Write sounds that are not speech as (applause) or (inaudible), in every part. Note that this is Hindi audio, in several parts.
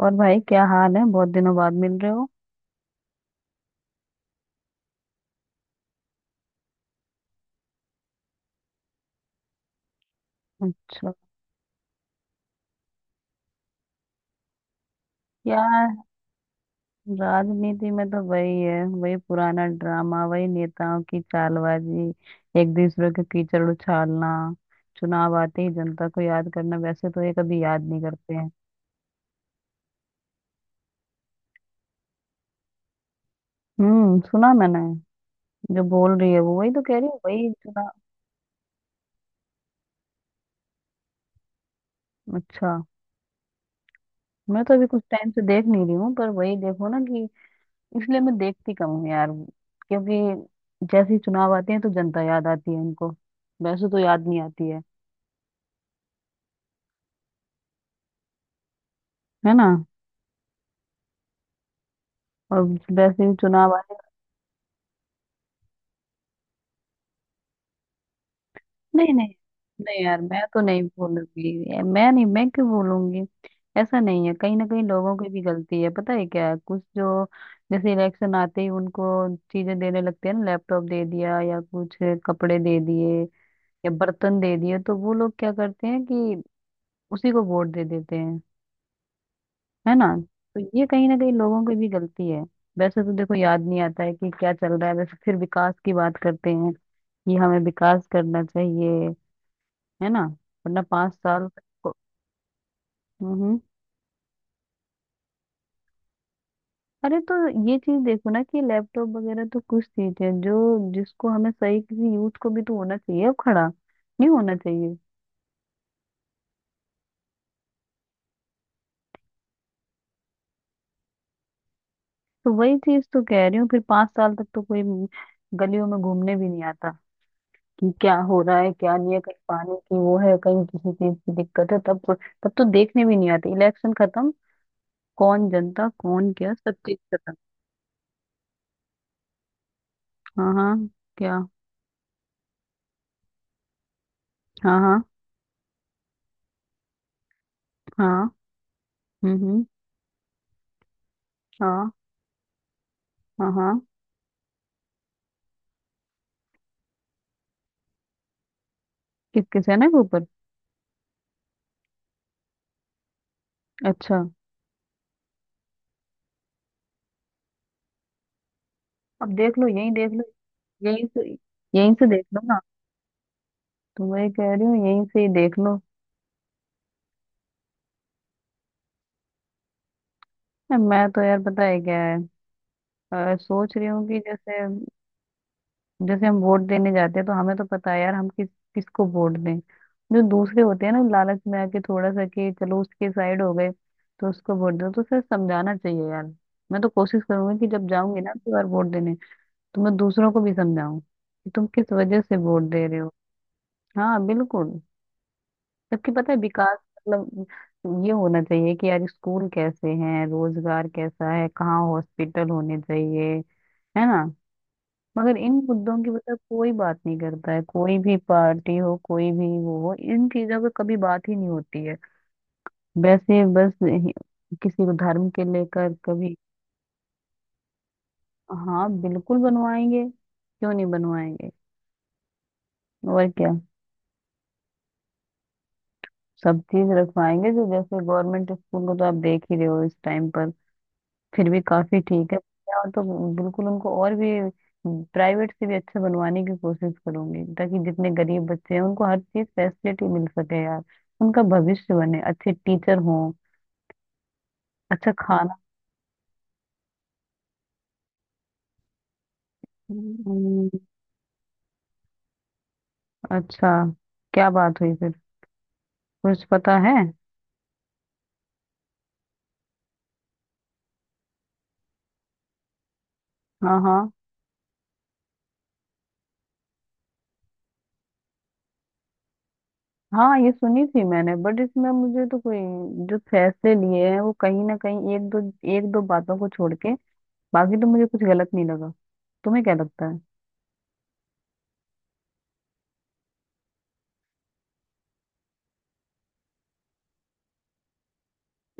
और भाई क्या हाल है, बहुत दिनों बाद मिल रहे हो। अच्छा। यार, राजनीति में तो वही है, वही पुराना ड्रामा, वही नेताओं की चालबाजी, एक दूसरे के कीचड़ उछालना, चुनाव आते ही जनता को याद करना, वैसे तो ये कभी याद नहीं करते हैं। हम्म, सुना मैंने। जो बोल रही है वो वही तो कह रही है, वही चुनाव। अच्छा। मैं तो अभी कुछ टाइम से देख नहीं रही हूँ पर वही देखो ना कि इसलिए मैं देखती कम हूँ यार, क्योंकि जैसे ही चुनाव आते हैं तो जनता याद आती है इनको, वैसे तो याद नहीं आती है ना। और वैसे भी चुनाव आते हैं। नहीं, नहीं नहीं यार, मैं तो नहीं बोलूंगी। मैं नहीं, मैं क्यों बोलूंगी। ऐसा नहीं है, कहीं ना कहीं लोगों की भी गलती है, पता है क्या है। कुछ जो जैसे इलेक्शन आते ही उनको चीजें देने लगते हैं ना, लैपटॉप दे दिया या कुछ कपड़े दे दिए या बर्तन दे दिए, तो वो लोग क्या करते हैं कि उसी को वोट दे देते हैं, है ना। तो ये कहीं ना कहीं लोगों की भी गलती है। वैसे तो देखो याद नहीं आता है कि क्या चल रहा है, वैसे फिर विकास की बात करते हैं कि हमें विकास करना चाहिए, है ना। वरना 5 साल को- हम्म हम्म। अरे तो ये चीज देखो ना कि लैपटॉप वगैरह तो कुछ चीज है जो जिसको हमें सही, किसी यूथ को भी तो होना चाहिए, अब खड़ा नहीं होना चाहिए। तो वही चीज तो कह रही हूँ, फिर 5 साल तक तो कोई गलियों में घूमने भी नहीं आता कि क्या हो रहा है, क्या नहीं है, कहीं पानी की वो है, कहीं किसी चीज की दिक्कत है तब। तब तो देखने भी नहीं आते, इलेक्शन खत्म, कौन जनता कौन क्या, सब चीज खत्म। हाँ हाँ। क्या। हाँ हाँ हाँ। हम्म। हाँ हाँ हाँ। किस किस है ना के ऊपर। अच्छा। अब देख लो, यहीं देख लो। यहीं से, यहीं से देख लो ना। तो मैं ये कह रही हूँ, यहीं से ही देख लो। मैं तो यार पता है क्या है, सोच रही हूँ कि जैसे जैसे हम वोट देने जाते हैं तो हमें तो पता है यार हम किस किसको वोट दें। जो दूसरे होते हैं ना लालच में आके थोड़ा सा कि चलो उसके साइड हो गए तो उसको वोट दो, तो सर समझाना चाहिए यार। मैं तो कोशिश करूंगी कि जब जाऊंगी ना अगली बार वोट देने, तो मैं दूसरों को भी समझाऊं कि तुम किस वजह से वोट दे रहे हो। हाँ, बिल्कुल। जबकि पता है विकास, मतलब ये होना चाहिए कि यार स्कूल कैसे हैं, रोजगार कैसा है, कहाँ हॉस्पिटल होने चाहिए, है ना। मगर इन मुद्दों की, मतलब कोई बात नहीं करता है, कोई भी पार्टी हो, कोई भी वो हो, इन चीजों पे कभी बात ही नहीं होती है। वैसे बस किसी को धर्म के लेकर कभी। हाँ, बिल्कुल बनवाएंगे, क्यों नहीं बनवाएंगे। और क्या। सब चीज रखवाएंगे, जो जैसे गवर्नमेंट स्कूल को तो आप देख ही रहे हो इस टाइम पर, फिर भी काफी ठीक है। और तो बिल्कुल उनको और भी, प्राइवेट से भी अच्छे बनवाने की कोशिश करूंगी, ताकि जितने गरीब बच्चे हैं उनको हर चीज फैसिलिटी मिल सके यार। उनका भविष्य बने, अच्छे टीचर हों, अच्छा खाना। हम्म। अच्छा। क्या बात हुई फिर, कुछ पता है। हाँ हाँ। हाँ ये सुनी थी मैंने, बट इसमें मुझे तो कोई, जो फैसले लिए हैं वो कहीं ना कहीं, एक दो बातों को छोड़ के बाकी तो मुझे कुछ गलत नहीं लगा। तुम्हें क्या लगता है।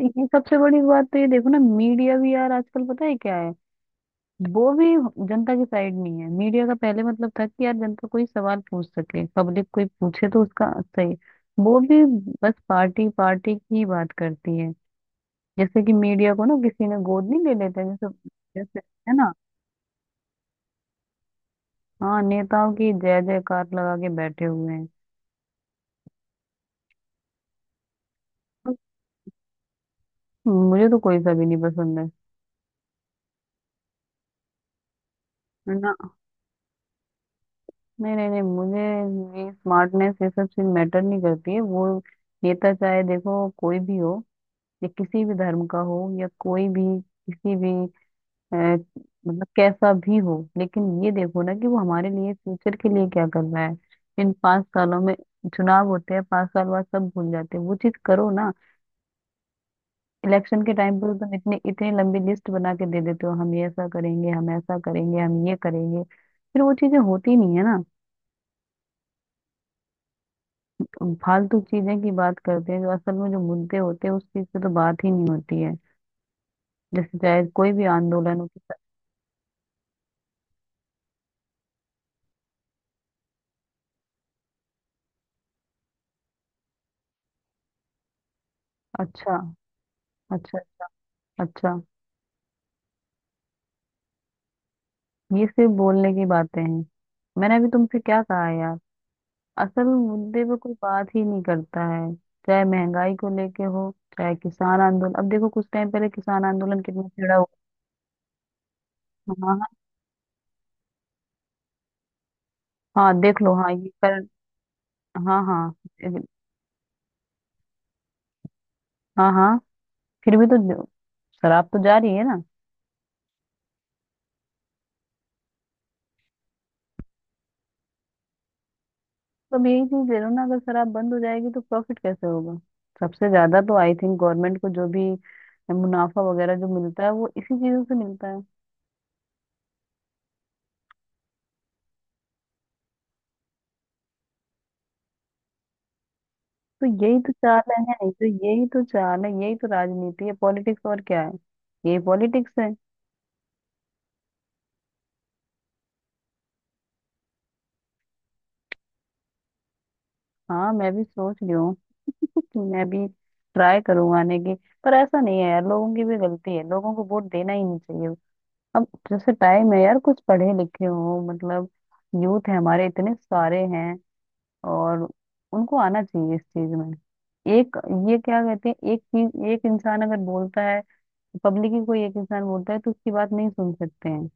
ये सबसे बड़ी बात तो, ये देखो ना मीडिया भी यार आजकल पता है क्या है, वो भी जनता की साइड नहीं है। मीडिया का पहले मतलब था कि यार जनता कोई सवाल पूछ सके, पब्लिक कोई पूछे तो उसका सही। वो भी बस पार्टी पार्टी की बात करती है, जैसे कि मीडिया को ना किसी ने गोद नहीं ले लेते हैं, जैसे, जैसे, है ना। हाँ, नेताओं की जय जयकार लगा के बैठे हुए हैं। मुझे तो कोई सा भी नहीं पसंद, है ना। नहीं नहीं नहीं, मुझे ये स्मार्टनेस ये सब चीज मैटर नहीं करती है, वो नेता चाहे देखो कोई भी हो, या किसी भी धर्म का हो या कोई भी किसी भी, मतलब कैसा भी हो, लेकिन ये देखो ना कि वो हमारे लिए फ्यूचर के लिए क्या करना है इन 5 सालों में। चुनाव होते हैं, 5 साल बाद सब भूल जाते हैं, वो चीज करो ना। इलेक्शन के टाइम पर तुम इतने इतनी लंबी लिस्ट बना के दे देते हो, हम ये ऐसा करेंगे, हम ऐसा करेंगे, हम ये करेंगे, फिर वो चीजें होती नहीं है ना। तुम फालतू चीजें की बात करते हैं, जो असल में जो मुद्दे होते हैं उस चीज पे तो बात ही नहीं होती है। जैसे चाहे कोई भी आंदोलन हो अच्छा। अच्छा। अच्छा। ये सिर्फ बोलने की बातें हैं, मैंने अभी तुमसे क्या कहा यार। असल मुद्दे पे कोई बात ही नहीं करता है, चाहे महंगाई को लेके हो, चाहे किसान आंदोलन। अब देखो कुछ टाइम पहले किसान आंदोलन कितना छिड़ा हुआ। हाँ हाँ। हाँ देख लो, हाँ ये कर। हाँ हाँ। हाँ हाँ। फिर भी तो शराब तो जारी है ना। तो अब यही चीज ले लो ना, अगर शराब बंद हो जाएगी तो प्रॉफिट कैसे होगा। सबसे ज्यादा तो आई थिंक गवर्नमेंट को जो भी मुनाफा वगैरह जो मिलता है वो इसी चीजों से मिलता है। तो यही तो चाल है, नहीं तो यही तो चाल है, यही तो राजनीति है, पॉलिटिक्स और क्या है। ये पॉलिटिक्स है। हाँ, मैं भी सोच रही हूँ (laughs) कि मैं भी ट्राई करूँ आने की। पर ऐसा नहीं है यार, लोगों की भी गलती है, लोगों को वोट देना ही नहीं चाहिए। अब जैसे टाइम है यार, कुछ पढ़े लिखे हो मतलब, यूथ है हमारे इतने सारे हैं, और उनको आना चाहिए इस चीज में। एक, ये क्या कहते हैं, एक चीज, एक इंसान अगर बोलता है पब्लिक ही, कोई एक इंसान बोलता है तो उसकी बात नहीं सुन सकते हैं,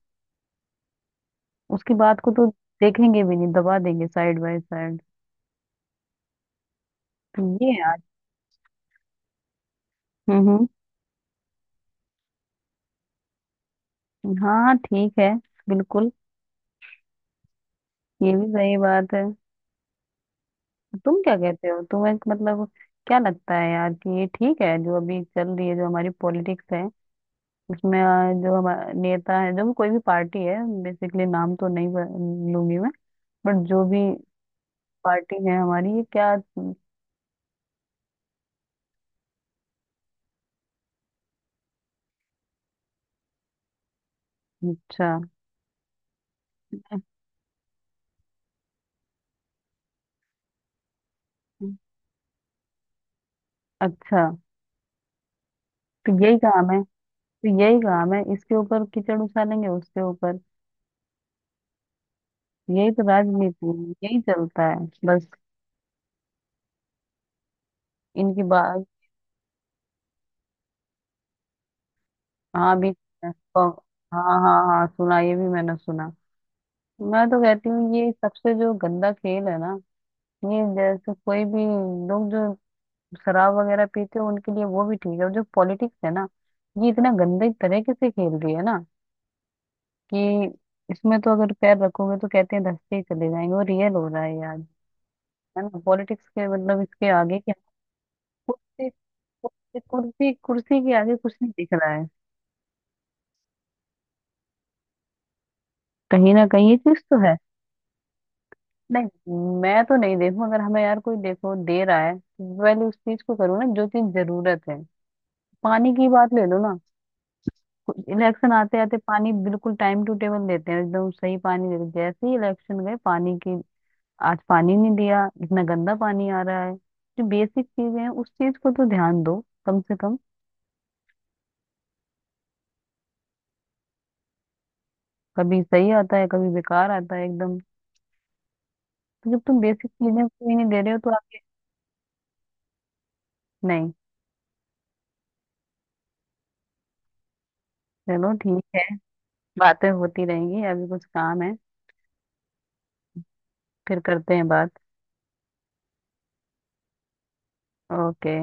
उसकी बात को तो देखेंगे भी नहीं, दबा देंगे साइड बाय साइड। तो ये है आज। हम्म हम्म। हाँ ठीक है, बिल्कुल। ये भी सही बात है। तुम क्या कहते हो, तुम्हें मतलब क्या लगता है यार कि ये ठीक है जो अभी चल रही है जो हमारी पॉलिटिक्स है। उसमें जो हमारा नेता है, जो भी कोई भी पार्टी है, बेसिकली नाम तो नहीं लूंगी मैं, बट जो भी पार्टी है हमारी, ये क्या। अच्छा। अच्छा। तो यही काम है, तो यही काम है, इसके ऊपर कीचड़ उछालेंगे उसके ऊपर। यही तो राजनीति है, यही चलता है बस इनकी बात। हाँ भी, हाँ हाँ। हाँ सुना, ये भी मैंने सुना। मैं तो कहती हूँ ये सबसे जो गंदा खेल है ना, ये जैसे कोई भी लोग जो शराब वगैरह पीते हैं उनके लिए वो भी ठीक है, और जो पॉलिटिक्स है ना, ये इतना गंदे तरीके से खेल रही है ना कि इसमें तो अगर पैर रखोगे तो कहते हैं धंसते ही चले जाएंगे, और रियल हो रहा है यार, है ना। पॉलिटिक्स के मतलब इसके आगे क्या, कुर्सी। कुर्सी, कुर्सी, कुर्सी के आगे कुछ नहीं दिख रहा है, कहीं ना कहीं ये चीज तो है। नहीं, मैं तो नहीं देखूं, अगर हमें यार कोई देखो दे रहा है तो पहले उस चीज को करो ना जो चीज जरूरत है। पानी की बात ले लो ना, इलेक्शन आते आते पानी बिल्कुल टाइम टू टेबल देते हैं, एकदम सही पानी देते हैं। जैसे ही इलेक्शन गए पानी की, आज पानी नहीं दिया, इतना गंदा पानी आ रहा है। जो बेसिक चीजें हैं उस चीज को तो ध्यान दो कम से कम। कभी सही आता है कभी बेकार आता है एकदम। तो जब तुम बेसिक चीजें कोई नहीं दे रहे हो तो आप, नहीं, चलो ठीक है। बातें होती रहेंगी, अभी कुछ काम है, फिर करते हैं बात। ओके।